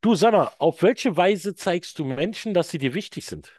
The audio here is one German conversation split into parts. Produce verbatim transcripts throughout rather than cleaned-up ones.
Du, sag mal, auf welche Weise zeigst du Menschen, dass sie dir wichtig sind?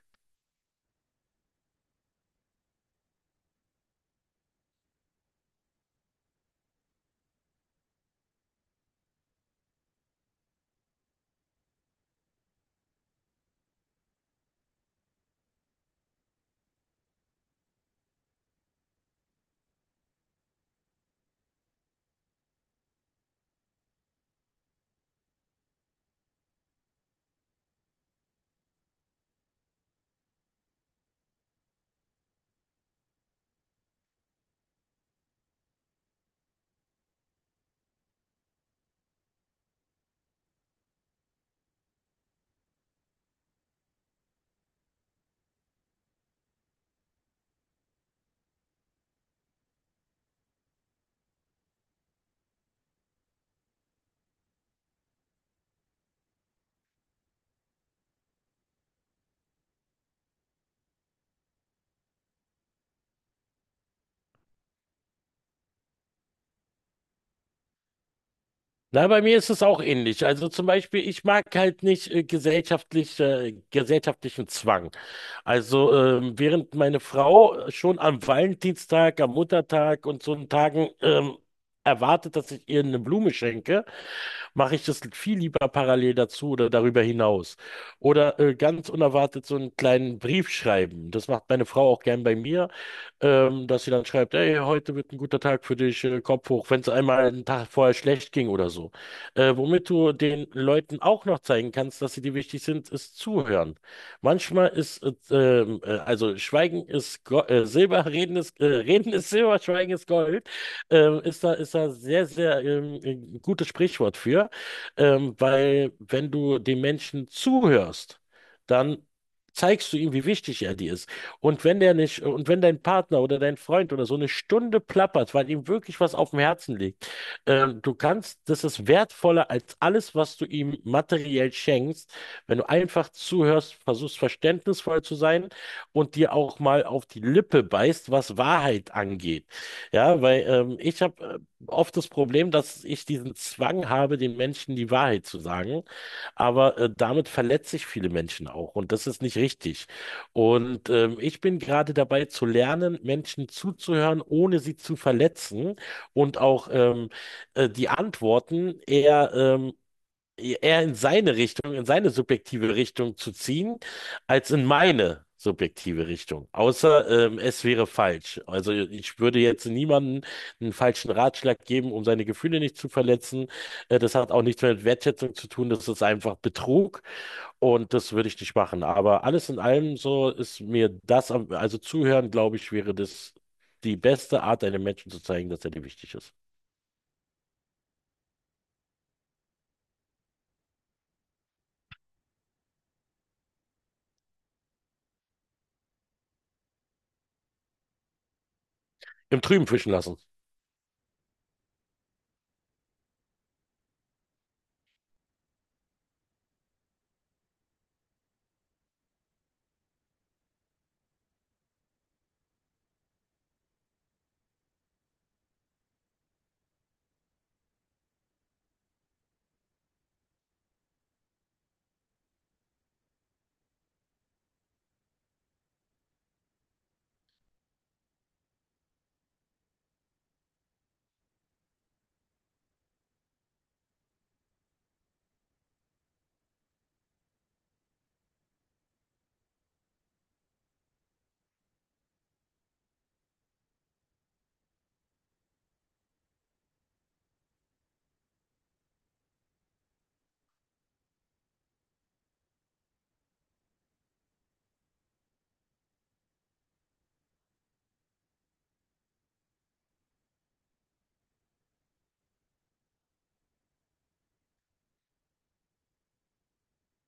Na, bei mir ist es auch ähnlich. Also zum Beispiel, ich mag halt nicht äh, gesellschaftlich, äh, gesellschaftlichen Zwang. Also ähm, während meine Frau schon am Valentinstag, am Muttertag und so einen Tagen ähm, erwartet, dass ich ihr eine Blume schenke, mache ich das viel lieber parallel dazu oder darüber hinaus. Oder äh, ganz unerwartet so einen kleinen Brief schreiben. Das macht meine Frau auch gern bei mir. Ähm, dass sie dann schreibt, hey, heute wird ein guter Tag für dich, äh, Kopf hoch, wenn es einmal einen Tag vorher schlecht ging oder so. Äh, womit du den Leuten auch noch zeigen kannst, dass sie dir wichtig sind, ist zuhören. Manchmal ist, äh, ähm, äh, also Schweigen ist Go äh, Silber, Reden ist, äh, Reden ist Silber, Schweigen ist Gold, ähm, ist da, ist da sehr, sehr ähm, ein gutes Sprichwort für, ähm, weil wenn du den Menschen zuhörst, dann zeigst du ihm, wie wichtig er dir ist. Und wenn der nicht, und wenn dein Partner oder dein Freund oder so eine Stunde plappert, weil ihm wirklich was auf dem Herzen liegt, ähm, du kannst, das ist wertvoller als alles, was du ihm materiell schenkst, wenn du einfach zuhörst, versuchst verständnisvoll zu sein und dir auch mal auf die Lippe beißt, was Wahrheit angeht. Ja, weil ähm, ich habe äh, oft das Problem, dass ich diesen Zwang habe, den Menschen die Wahrheit zu sagen. Aber äh, damit verletze ich viele Menschen auch und das ist nicht richtig. Und ähm, ich bin gerade dabei zu lernen, Menschen zuzuhören, ohne sie zu verletzen und auch ähm, äh, die Antworten eher ähm, eher in seine Richtung, in seine subjektive Richtung zu ziehen, als in meine subjektive Richtung. Außer ähm, es wäre falsch. Also ich würde jetzt niemandem einen falschen Ratschlag geben, um seine Gefühle nicht zu verletzen. Äh, das hat auch nichts mehr mit Wertschätzung zu tun. Das ist einfach Betrug und das würde ich nicht machen. Aber alles in allem so ist mir das, am- also zuhören, glaube ich, wäre das die beste Art, einem Menschen zu zeigen, dass er dir wichtig ist. Im Trüben fischen lassen.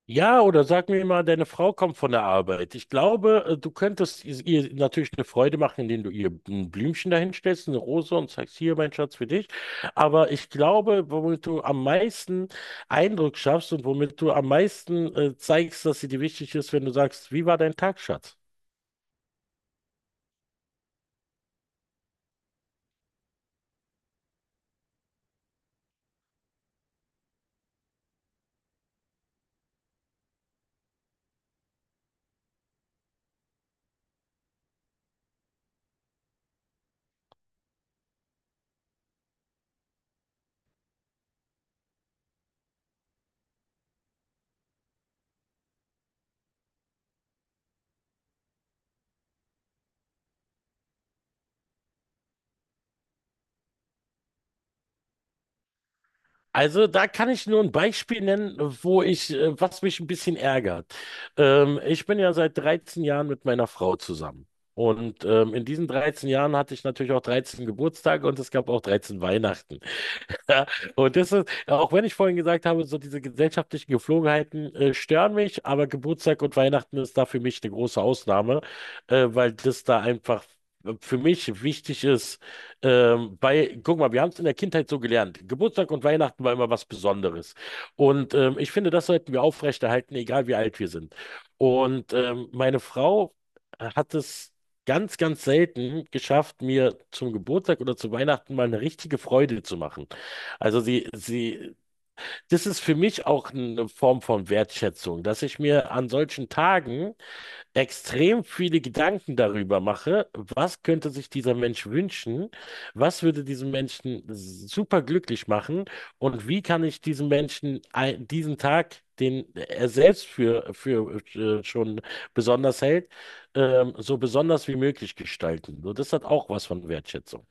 Ja, oder sag mir mal, deine Frau kommt von der Arbeit. Ich glaube, äh, du könntest is- ihr natürlich eine Freude machen, indem du ihr ein Blümchen dahinstellst, eine Rose und sagst, hier, mein Schatz, für dich. Aber ich glaube, womit du am meisten Eindruck schaffst und womit du am meisten äh, zeigst, dass sie dir wichtig ist, wenn du sagst, wie war dein Tag, Schatz? Also da kann ich nur ein Beispiel nennen, wo ich, äh, was mich ein bisschen ärgert. Ähm, ich bin ja seit dreizehn Jahren mit meiner Frau zusammen. Und ähm, in diesen dreizehn Jahren hatte ich natürlich auch dreizehn Geburtstage und es gab auch dreizehn Weihnachten. Ja, und das ist, auch wenn ich vorhin gesagt habe, so diese gesellschaftlichen Gepflogenheiten äh, stören mich, aber Geburtstag und Weihnachten ist da für mich eine große Ausnahme, äh, weil das da einfach äh, für mich wichtig ist. Ähm, bei, guck mal, wir haben es in der Kindheit so gelernt. Geburtstag und Weihnachten war immer was Besonderes. Und ähm, ich finde, das sollten wir aufrechterhalten, egal wie alt wir sind. Und ähm, meine Frau hat es ganz, ganz selten geschafft, mir zum Geburtstag oder zu Weihnachten mal eine richtige Freude zu machen. Also sie, sie, das ist für mich auch eine Form von Wertschätzung, dass ich mir an solchen Tagen extrem viele Gedanken darüber mache, was könnte sich dieser Mensch wünschen, was würde diesen Menschen super glücklich machen und wie kann ich diesem Menschen ein- diesen Tag, den er selbst für, für äh, schon besonders hält, ähm, so besonders wie möglich gestalten. So, das hat auch was von Wertschätzung.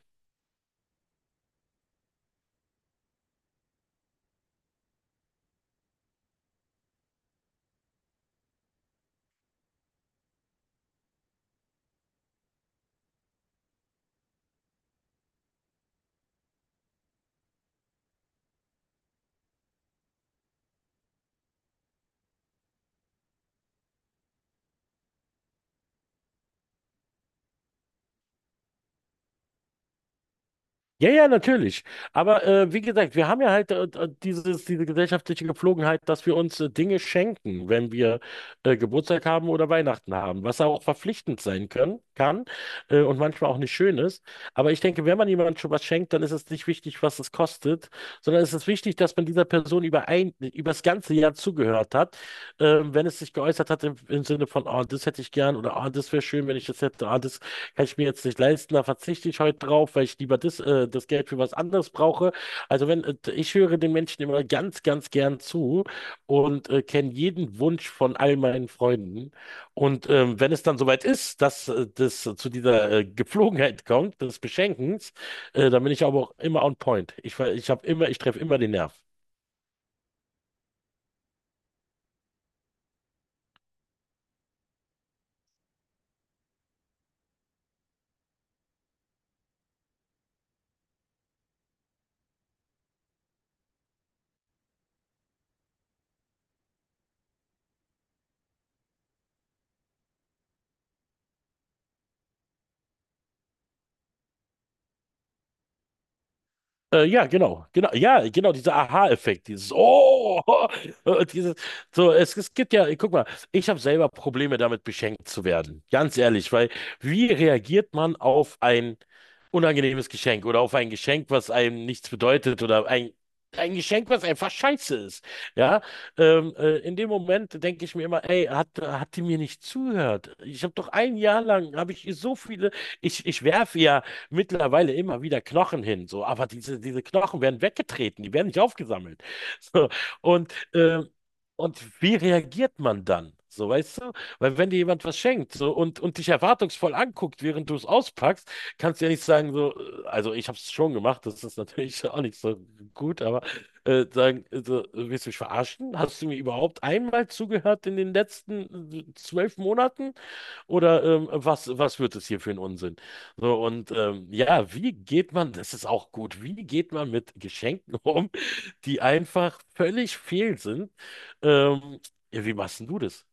Ja, ja, natürlich. Aber äh, wie gesagt, wir haben ja halt äh, äh, dieses, diese gesellschaftliche Gepflogenheit, dass wir uns äh, Dinge schenken, wenn wir äh, Geburtstag haben oder Weihnachten haben, was auch verpflichtend sein können, kann äh, und manchmal auch nicht schön ist. Aber ich denke, wenn man jemandem schon was schenkt, dann ist es nicht wichtig, was es kostet, sondern es ist wichtig, dass man dieser Person über ein, über das ganze Jahr zugehört hat ähm, wenn es sich geäußert hat im, im Sinne von, ah, das hätte ich gern oder ah, das wäre schön, wenn ich das hätte, ah, das kann ich mir jetzt nicht leisten, da verzichte ich heute drauf, weil ich lieber das, äh, das Geld für was anderes brauche. Also wenn, äh, ich höre den Menschen immer ganz, ganz gern zu und äh, kenne jeden Wunsch von all meinen Freunden. Und ähm, wenn es dann soweit ist, dass äh, das zu dieser äh, Gepflogenheit kommt, des Beschenkens, äh, dann bin ich aber auch immer on point. Ich, ver- ich habe immer, ich treffe immer den Nerv. Äh, ja, genau, genau, ja, genau, dieser Aha-Effekt, dieses Oh, und dieses, so, es, es gibt ja, guck mal, ich habe selber Probleme damit, beschenkt zu werden, ganz ehrlich, weil wie reagiert man auf ein unangenehmes Geschenk oder auf ein Geschenk, was einem nichts bedeutet oder ein, ein Geschenk, was einfach scheiße ist, ja, ähm, äh, in dem Moment denke ich mir immer, ey, hat, hat die mir nicht zugehört? Ich habe doch ein Jahr lang, habe ich ihr so viele, ich, ich werfe ja mittlerweile immer wieder Knochen hin, so, aber diese, diese Knochen werden weggetreten, die werden nicht aufgesammelt. So, und, äh, und wie reagiert man dann? So, weißt du? Weil wenn dir jemand was schenkt so, und, und dich erwartungsvoll anguckt, während du es auspackst, kannst du ja nicht sagen, so, äh, also ich habe es schon gemacht, das ist natürlich auch nicht so gut, aber äh, sagen, äh, so, willst du mich verarschen? Hast du mir überhaupt einmal zugehört in den letzten äh, zwölf Monaten? Oder ähm, was, was wird es hier für ein Unsinn? So, und ähm, ja, wie geht man, das ist auch gut, wie geht man mit Geschenken um, die einfach völlig fehl sind? Ähm, ja, wie machst denn du das?